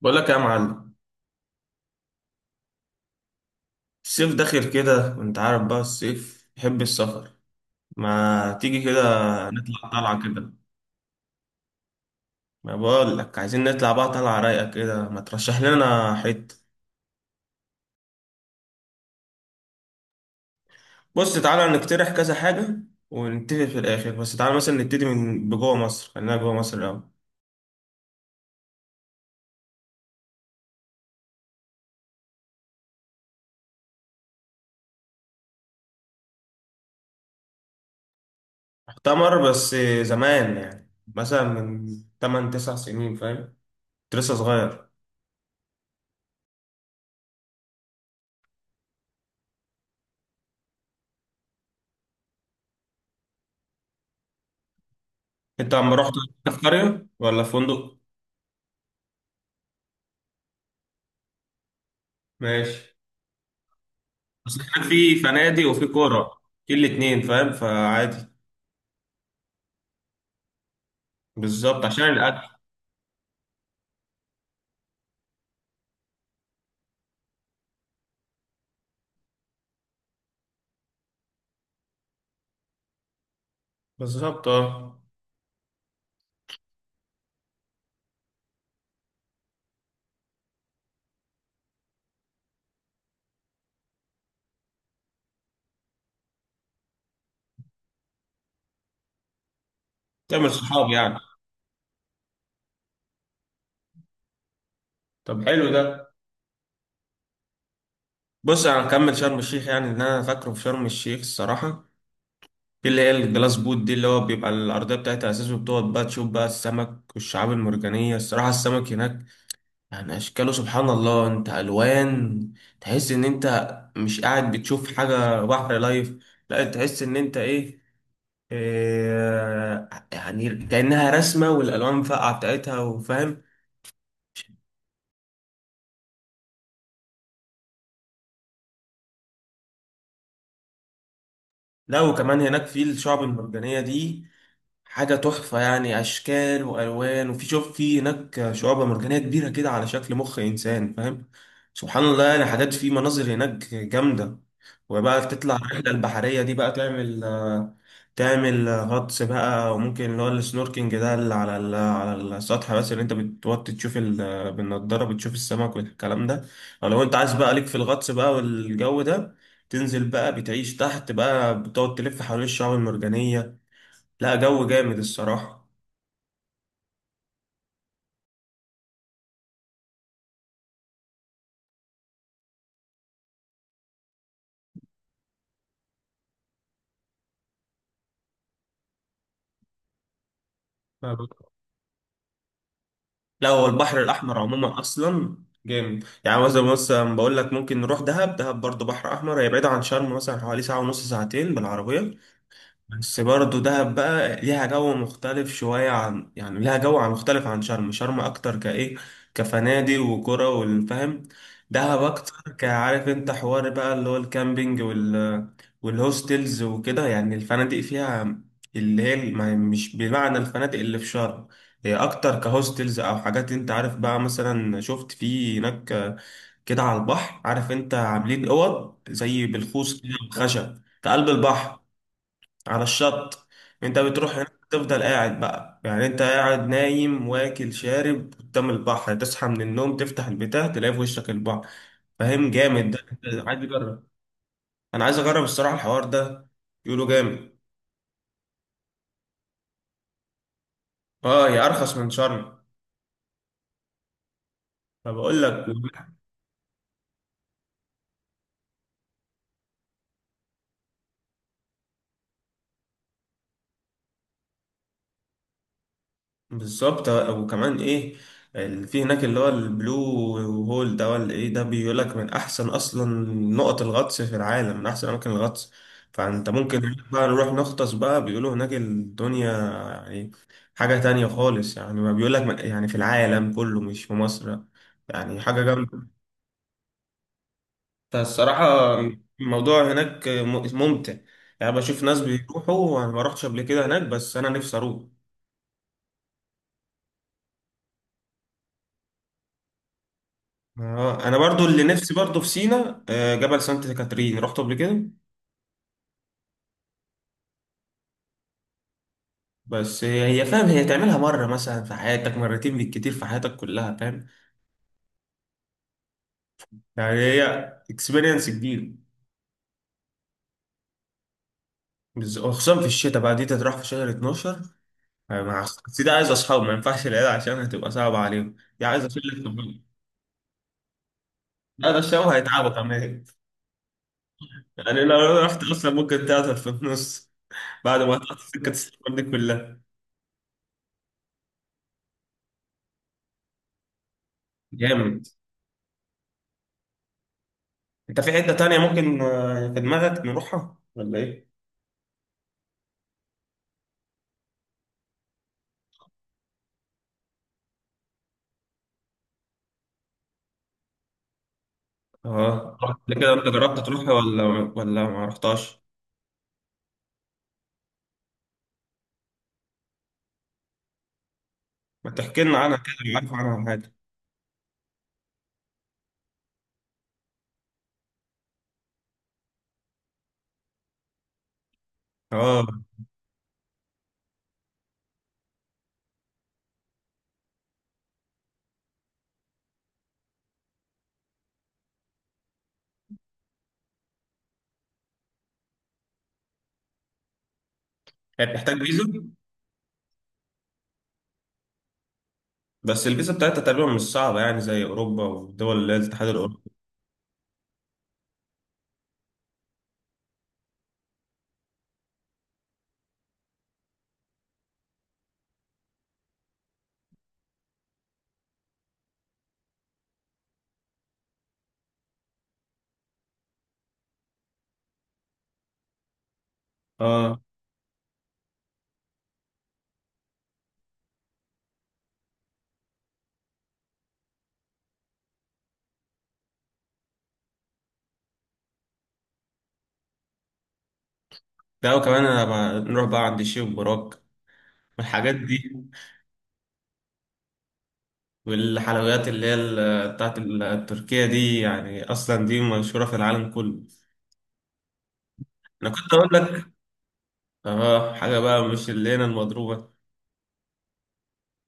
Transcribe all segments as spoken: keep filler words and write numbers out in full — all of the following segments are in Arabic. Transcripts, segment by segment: بقول لك يا معلم، الصيف داخل كده وانت عارف بقى الصيف يحب السفر. ما تيجي كده نطلع طلعة كده؟ ما بقول لك عايزين نطلع بقى طلعة رايقة كده، ما ترشح لنا حتة. بص تعالى نقترح كذا حاجة ونتفق في الآخر، بس تعالى مثلا نبتدي من بجوه مصر، خلينا جوه مصر الأول. مؤتمر بس، زمان، يعني مثلا من تمانية تسعة سنين، فاهم؟ كنت لسه صغير. انت عم رحت في قرية ولا في فندق؟ ماشي. بس كان في فنادق وفي كوره، في الاتنين، فاهم؟ فعادي. بالظبط، عشان الاكل. بالظبط، اه. تعمل صحاب يعني. طب حلو ده. بص، انا هكمل شرم الشيخ، يعني ان انا فاكره في شرم الشيخ الصراحه، في اللي هي الجلاس بوت دي، اللي هو بيبقى الارضيه بتاعتها اساس، وبتقعد بقى تشوف بقى السمك والشعاب المرجانيه. الصراحه السمك هناك يعني اشكاله، سبحان الله، انت الوان، تحس ان انت مش قاعد بتشوف حاجه بحر لايف، لا تحس ان انت ايه، آه، يعني كأنها رسمة والألوان فاقعة بتاعتها، وفاهم. لا وكمان هناك في الشعب المرجانية دي حاجة تحفة، يعني أشكال وألوان، وفي، شوف، في هناك شعاب مرجانية كبيرة كده على شكل مخ إنسان، فاهم؟ سبحان الله، يعني حاجات، في مناظر هناك جامدة. وبقى تطلع الرحلة البحرية دي بقى، تعمل تعمل غطس بقى، وممكن اللي هو السنوركينج ده اللي على ال- على السطح بس، اللي انت بتوطي تشوف ال- بالنضارة بتشوف السمك والكلام ده. او لو انت عايز بقى ليك في الغطس بقى والجو ده، تنزل بقى، بتعيش تحت بقى، بتقعد تلف حوالين الشعاب المرجانية. لا جو جامد الصراحة. فاهم؟ لا هو البحر الأحمر عموما أصلا جامد. يعني مثلا مثلا بقول لك ممكن نروح دهب، دهب برضه بحر أحمر، هي بعيدة عن شرم مثلا حوالي ساعة ونص ساعتين بالعربية. بس برضه دهب بقى ليها جو مختلف شوية، عن يعني ليها جو عن- مختلف عن شرم. شرم أكتر كإيه، كفنادق وكرة والفهم. دهب اه أكتر كعارف أنت، حوار بقى اللي هو الكامبينج، وال والهوستلز وكده. يعني الفنادق فيها اللي هي ما- مش بمعنى الفنادق اللي في شرم، هي أكتر كهوستلز أو حاجات. أنت عارف بقى، مثلا شفت في هناك كده على البحر، عارف أنت عاملين أوض زي بالخوص كده، خشب في قلب البحر، على الشط. انت بتروح هناك تفضل قاعد بقى، يعني انت قاعد نايم واكل شارب قدام البحر، تصحى من النوم تفتح البتاع تلاقي في وشك البحر، فاهم؟ جامد ده، انت عايز اجرب. انا عايز اجرب الصراحة الحوار ده، يقولوا جامد. اه هي ارخص من شرم. فبقول لك. بالظبط، وكمان ايه، ال- في هناك اللي هو البلو هول ده ولا ايه ده، بيقول لك من احسن اصلا نقط الغطس في العالم، من احسن اماكن الغطس. فانت ممكن مم. هناك بقى نروح نغطس بقى، بيقولوا هناك الدنيا، يعني حاجة تانية خالص. يعني ما بيقول لك من- يعني في العالم كله، مش في مصر، يعني حاجة جامدة. فالصراحة الموضوع هناك م- ممتع، يعني بشوف ناس بيروحوا، وانا ما رحتش قبل كده هناك، بس انا نفسي اروح. آه انا برضو اللي نفسي برضو في سينا، آه، جبل سانت كاترين رحت قبل كده. بس هي هي فاهم، هي تعملها مره مثلا في حياتك، مرتين بالكتير في حياتك كلها، فاهم؟ يعني هي اكسبيرينس كبير. بز- وخصوصا في الشتاء بقى، دي تروح في شهر اتناشر، آه، مع أص- دي عايز اصحاب، ما ينفعش العيال عشان هتبقى صعبه عليهم، دي عايز اشيل لك. لا ده الشباب هيتعبوا كمان. يعني لو رحت اصلا ممكن تعطل في النص بعد ما هتقطع سكه السفر دي كلها. جامد. انت في حته تانيه ممكن آه، في دماغك نروحها ولا ايه؟ اه رحت قبل كده؟ انت جربت تروح ولا ولا ما رحتاش؟ ما تحكي لنا عنها كده لو عارف عنها حاجه. اه هي بتحتاج فيزا؟ بس الفيزا بتاعتها تقريبا مش صعبه، يعني زي اوروبا والدول اللي هي الاتحاد الاوروبي. اه. لا وكمان أنا بقى- نروح بقى عند الشيخ براك والحاجات دي. والحلويات اللي هي ال- بتاعت ال- التركية دي، يعني أصلا دي مشهورة في العالم كله. أنا كنت أقول لك، آه، حاجة بقى مش اللي هنا المضروبة.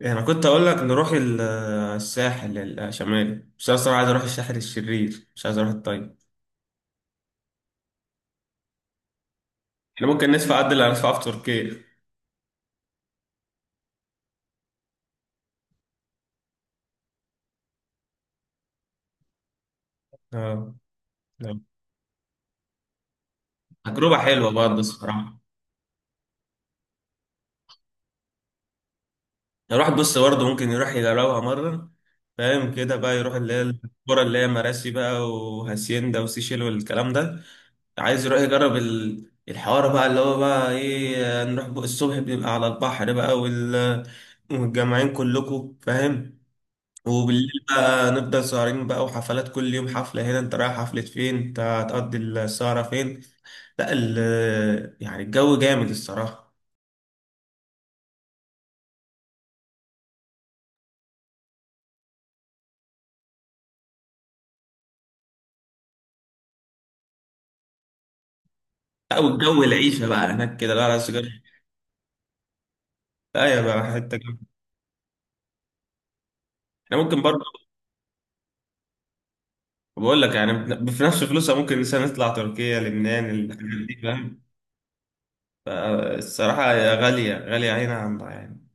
يعني كنت اقول لك نروح ال- الساحل الشمالي، بس انا الصراحه عايز اروح الساحل الشرير، مش عايز اروح الطيب. احنا ممكن ندفع قد اللي هندفعه في تركيا. اه. نعم. تجربه حلوه برضه الصراحه، يعني الواحد بص برضه ممكن يروح يجربها مره، فاهم كده؟ بقى يروح اللي هي الكرة اللي هي مراسي بقى، وهاسيندا وسيشيل والكلام ده. عايز يروح يجرب ال- الحوار بقى، اللي هو بقى ايه، نروح بقى الصبح، بنبقى على البحر بقى وال- ومتجمعين كلكم، فاهم؟ وبالليل بقى نفضل سهرين بقى، وحفلات كل يوم، حفلة هنا، انت رايح حفلة فين، انت هتقضي السهرة فين. لا ال يعني الجو جامد الصراحة. لا والجو، العيشة بقى هناك كده، لا لا سجارة، لا، يا بقى حتة جامدة. احنا ممكن برضه، بقول لك يعني، بن- في نفس فلوسها ممكن مثلا نطلع تركيا، لبنان، الحاجات دي، فاهم؟ فالصراحة هي غالية، غالية هنا عندها يعني،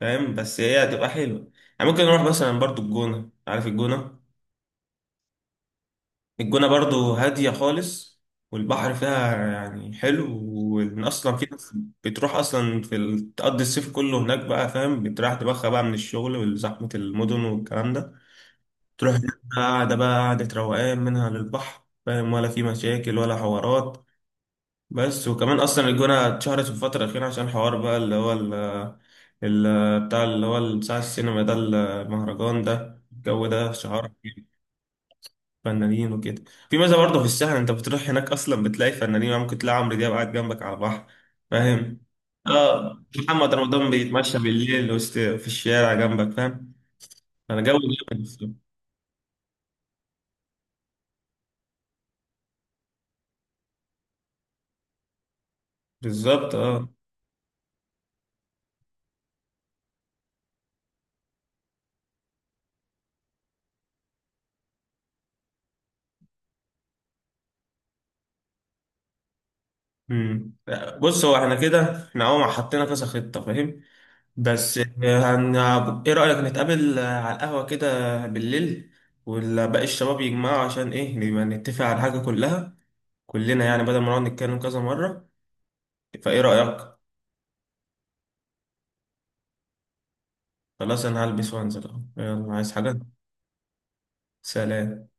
فاهم؟ بس هي هتبقى حلوة. يعني ممكن نروح مثلا برضه الجونة، عارف الجونة؟ الجونة برضو هادية خالص، والبحر فيها يعني حلو، وإن أصلا في ناس بتروح أصلا في ال- تقضي الصيف كله هناك بقى، فاهم؟ بتريح دماغها بقى من الشغل وزحمة المدن والكلام ده. تروح هناك بقى قاعدة بقى، قاعدة روقان منها للبحر، فاهم؟ ولا في مشاكل ولا حوارات. بس وكمان أصلا الجونة اتشهرت في الفترة الأخيرة عشان حوار بقى اللي هو ال ال- بتاع اللي هو بتاع السينما ده، المهرجان ده، الجو ده شهر فنانين وكده. في ميزه برضه في السهل، انت بتروح هناك اصلا بتلاقي فنانين، يعني ممكن تلاقي عمرو دياب قاعد جنبك على البحر، فاهم؟ اه محمد رمضان بيتمشى بالليل وسط في الشارع جنبك، فاهم؟ انا جو جامد. بالظبط اه. امم. بص هو احنا كده، احنا اهو حطينا كذا خطه، فاهم؟ بس آه، هن... ايه رايك نتقابل آه، على القهوه كده بالليل، ولا باقي الشباب يجمعوا، عشان ايه، نبقى نتفق على الحاجه كلها كلنا، يعني بدل ما نقعد نتكلم كذا مره. فايه رايك؟ خلاص، انا هلبس وانزل اهو، يلا عايز حاجة؟ سلام.